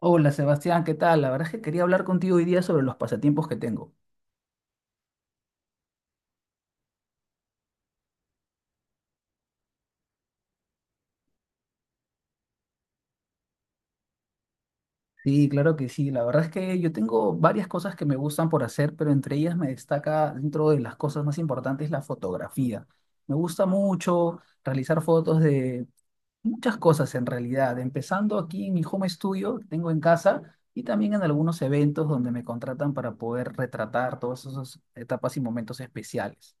Hola Sebastián, ¿qué tal? La verdad es que quería hablar contigo hoy día sobre los pasatiempos que tengo. Sí, claro que sí. La verdad es que yo tengo varias cosas que me gustan por hacer, pero entre ellas me destaca dentro de las cosas más importantes la fotografía. Me gusta mucho realizar fotos de muchas cosas en realidad, empezando aquí en mi home studio que tengo en casa y también en algunos eventos donde me contratan para poder retratar todas esas etapas y momentos especiales.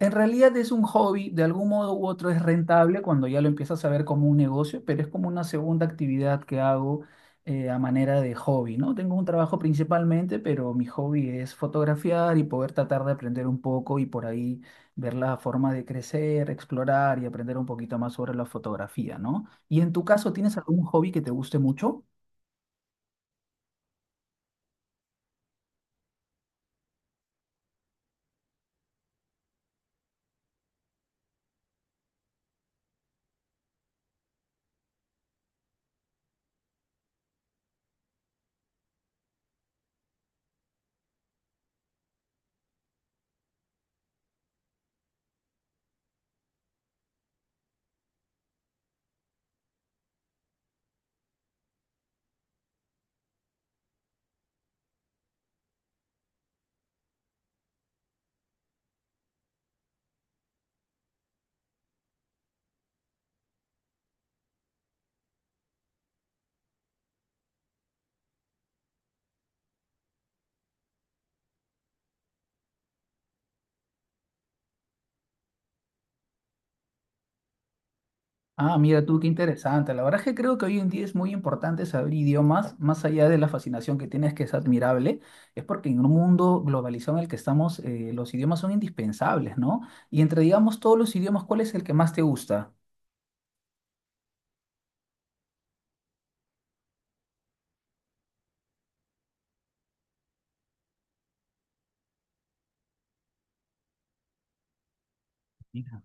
En realidad es un hobby, de algún modo u otro es rentable cuando ya lo empiezas a ver como un negocio, pero es como una segunda actividad que hago a manera de hobby, ¿no? Tengo un trabajo principalmente, pero mi hobby es fotografiar y poder tratar de aprender un poco y por ahí ver la forma de crecer, explorar y aprender un poquito más sobre la fotografía, ¿no? Y en tu caso, ¿tienes algún hobby que te guste mucho? Ah, mira tú, qué interesante. La verdad es que creo que hoy en día es muy importante saber idiomas, más allá de la fascinación que tienes, que es admirable, es porque en un mundo globalizado en el que estamos, los idiomas son indispensables, ¿no? Y entre, digamos, todos los idiomas, ¿cuál es el que más te gusta? Mira.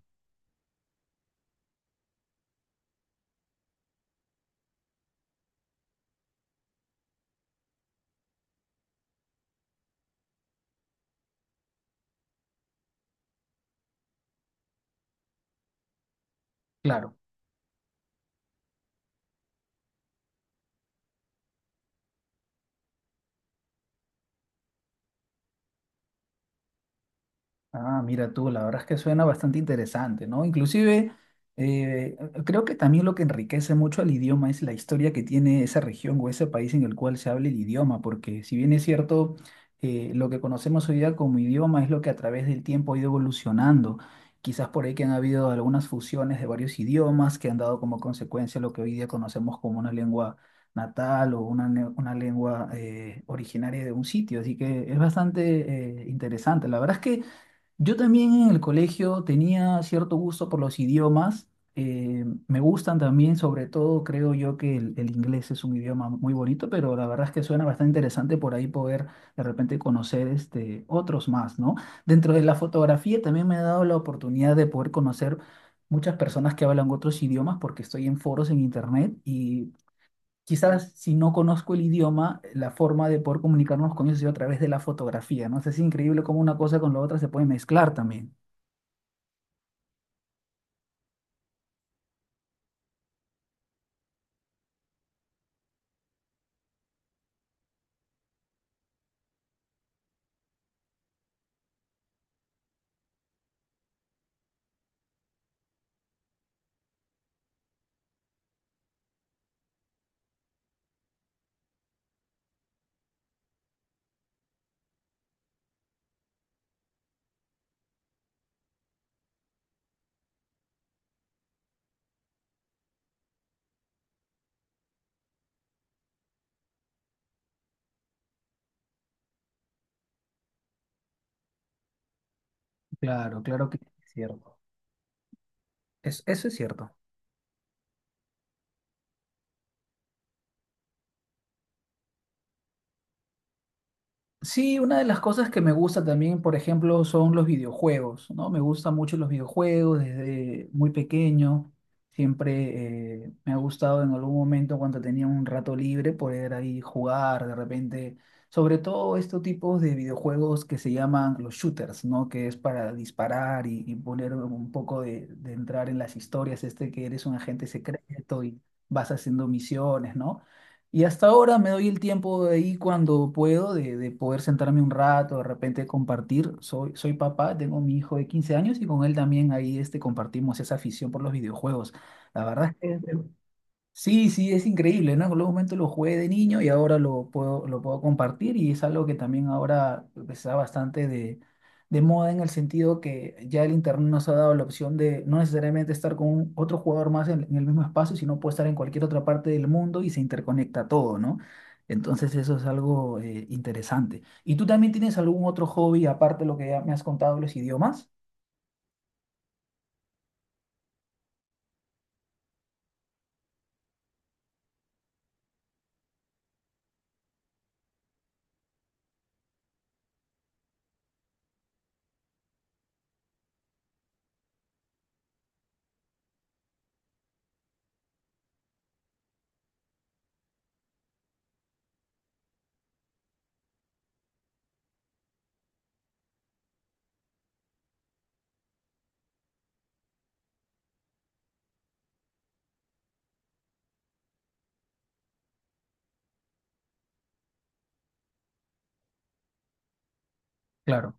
Claro. Ah, mira tú, la verdad es que suena bastante interesante, ¿no? Inclusive, eh, creo que también lo que enriquece mucho al idioma es la historia que tiene esa región o ese país en el cual se habla el idioma, porque si bien es cierto, lo que conocemos hoy día como idioma es lo que a través del tiempo ha ido evolucionando. Quizás por ahí que han habido algunas fusiones de varios idiomas que han dado como consecuencia lo que hoy día conocemos como una lengua natal o una, una lengua originaria de un sitio. Así que es bastante interesante. La verdad es que… Yo también en el colegio tenía cierto gusto por los idiomas. Me gustan también, sobre todo creo yo que el inglés es un idioma muy bonito, pero la verdad es que suena bastante interesante por ahí poder de repente conocer este, otros más, ¿no? Dentro de la fotografía también me ha dado la oportunidad de poder conocer muchas personas que hablan otros idiomas porque estoy en foros en internet y quizás si no conozco el idioma, la forma de poder comunicarnos con ellos es a través de la fotografía, ¿no? O sea, es increíble cómo una cosa con la otra se puede mezclar también. Claro, claro que es cierto. Eso es cierto. Sí, una de las cosas que me gusta también, por ejemplo, son los videojuegos, ¿no? Me gustan mucho los videojuegos desde muy pequeño. Siempre me ha gustado en algún momento cuando tenía un rato libre poder ahí jugar de repente, sobre todo estos tipos de videojuegos que se llaman los shooters, ¿no? Que es para disparar y poner un poco de entrar en las historias, este que eres un agente secreto y vas haciendo misiones, ¿no? Y hasta ahora me doy el tiempo de ahí cuando puedo, de poder sentarme un rato, de repente compartir. Soy papá, tengo mi hijo de 15 años y con él también ahí este, compartimos esa afición por los videojuegos. La verdad es que es… Sí, sí, es increíble, ¿no? En algún momento lo jugué de niño y ahora lo puedo compartir y es algo que también ahora pues, está bastante de moda en el sentido que ya el internet nos ha dado la opción de no necesariamente estar con otro jugador más en el mismo espacio, sino puede estar en cualquier otra parte del mundo y se interconecta todo, ¿no? Entonces eso es algo interesante. ¿Y tú también tienes algún otro hobby aparte de lo que ya me has contado, los idiomas? Claro,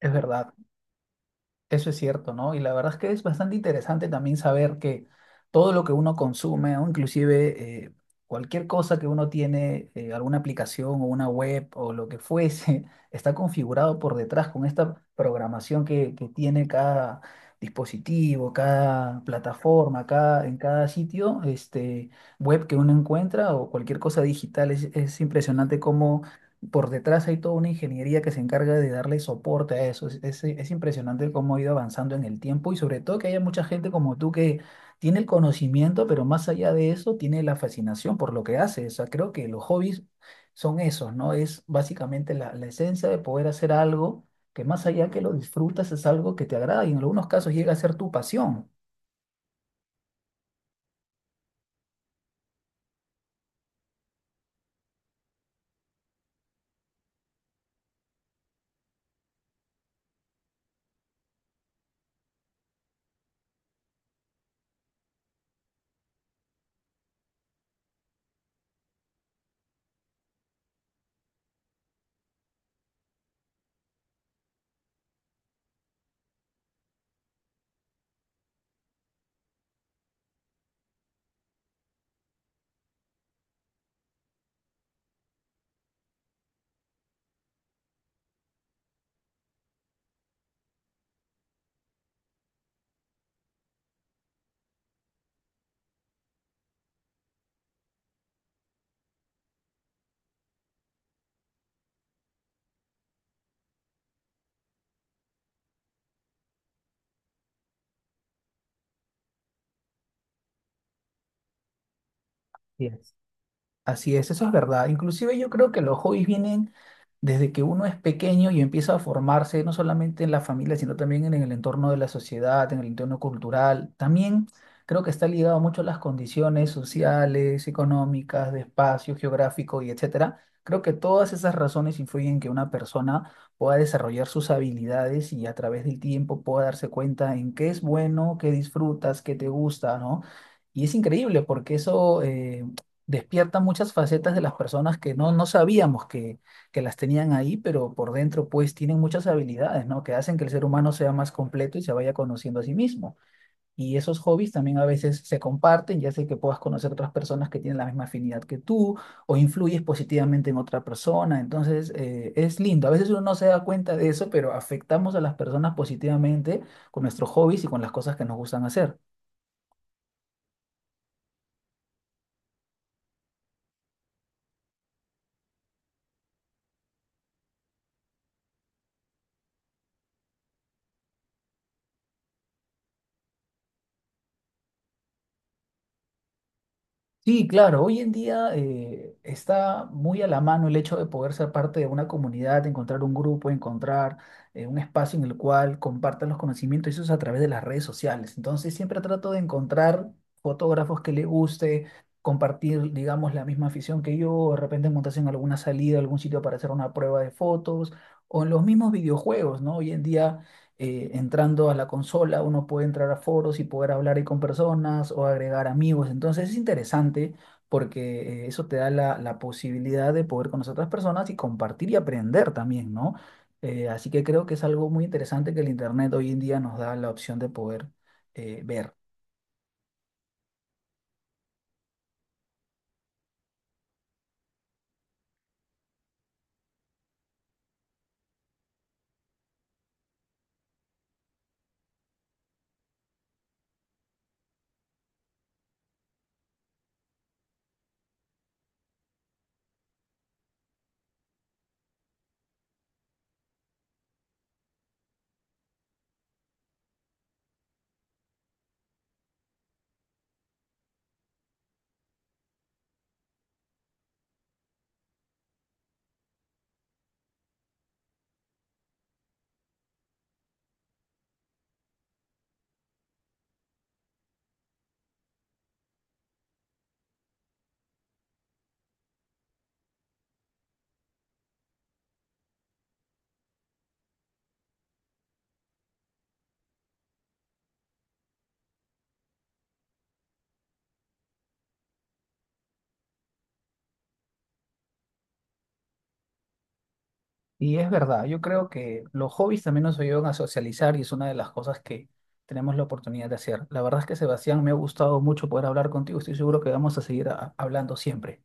es verdad. Eso es cierto, ¿no? Y la verdad es que es bastante interesante también saber que todo lo que uno consume, o inclusive cualquier cosa que uno tiene, alguna aplicación o una web o lo que fuese, está configurado por detrás con esta programación que tiene cada dispositivo, cada plataforma, cada, en cada sitio, este, web que uno encuentra o cualquier cosa digital. Es impresionante cómo por detrás hay toda una ingeniería que se encarga de darle soporte a eso. Es impresionante cómo ha ido avanzando en el tiempo y sobre todo que haya mucha gente como tú que tiene el conocimiento, pero más allá de eso tiene la fascinación por lo que hace. O sea, creo que los hobbies son esos, ¿no? Es básicamente la esencia de poder hacer algo que más allá que lo disfrutas es algo que te agrada y en algunos casos llega a ser tu pasión. Así es, eso es verdad. Inclusive yo creo que los hobbies vienen desde que uno es pequeño y empieza a formarse, no solamente en la familia, sino también en el entorno de la sociedad, en el entorno cultural. También creo que está ligado mucho a las condiciones sociales, económicas, de espacio geográfico y etcétera. Creo que todas esas razones influyen en que una persona pueda desarrollar sus habilidades y a través del tiempo pueda darse cuenta en qué es bueno, qué disfrutas, qué te gusta, ¿no? Y es increíble porque eso, despierta muchas facetas de las personas que no, no sabíamos que las tenían ahí, pero por dentro pues tienen muchas habilidades, ¿no? Que hacen que el ser humano sea más completo y se vaya conociendo a sí mismo. Y esos hobbies también a veces se comparten, ya sea que puedas conocer otras personas que tienen la misma afinidad que tú o influyes positivamente en otra persona. Entonces es lindo. A veces uno no se da cuenta de eso, pero afectamos a las personas positivamente con nuestros hobbies y con las cosas que nos gustan hacer. Sí, claro, hoy en día está muy a la mano el hecho de poder ser parte de una comunidad, encontrar un grupo, encontrar un espacio en el cual compartan los conocimientos, y eso es a través de las redes sociales. Entonces siempre trato de encontrar fotógrafos que le guste, compartir, digamos, la misma afición que yo, de repente montarse en alguna salida, algún sitio para hacer una prueba de fotos, o en los mismos videojuegos, ¿no? Hoy en día entrando a la consola, uno puede entrar a foros y poder hablar ahí con personas o agregar amigos. Entonces es interesante porque eso te da la posibilidad de poder conocer a otras personas y compartir y aprender también, ¿no? Así que creo que es algo muy interesante que el Internet hoy en día nos da la opción de poder ver. Y es verdad, yo creo que los hobbies también nos ayudan a socializar y es una de las cosas que tenemos la oportunidad de hacer. La verdad es que Sebastián, me ha gustado mucho poder hablar contigo. Estoy seguro que vamos a seguir hablando siempre.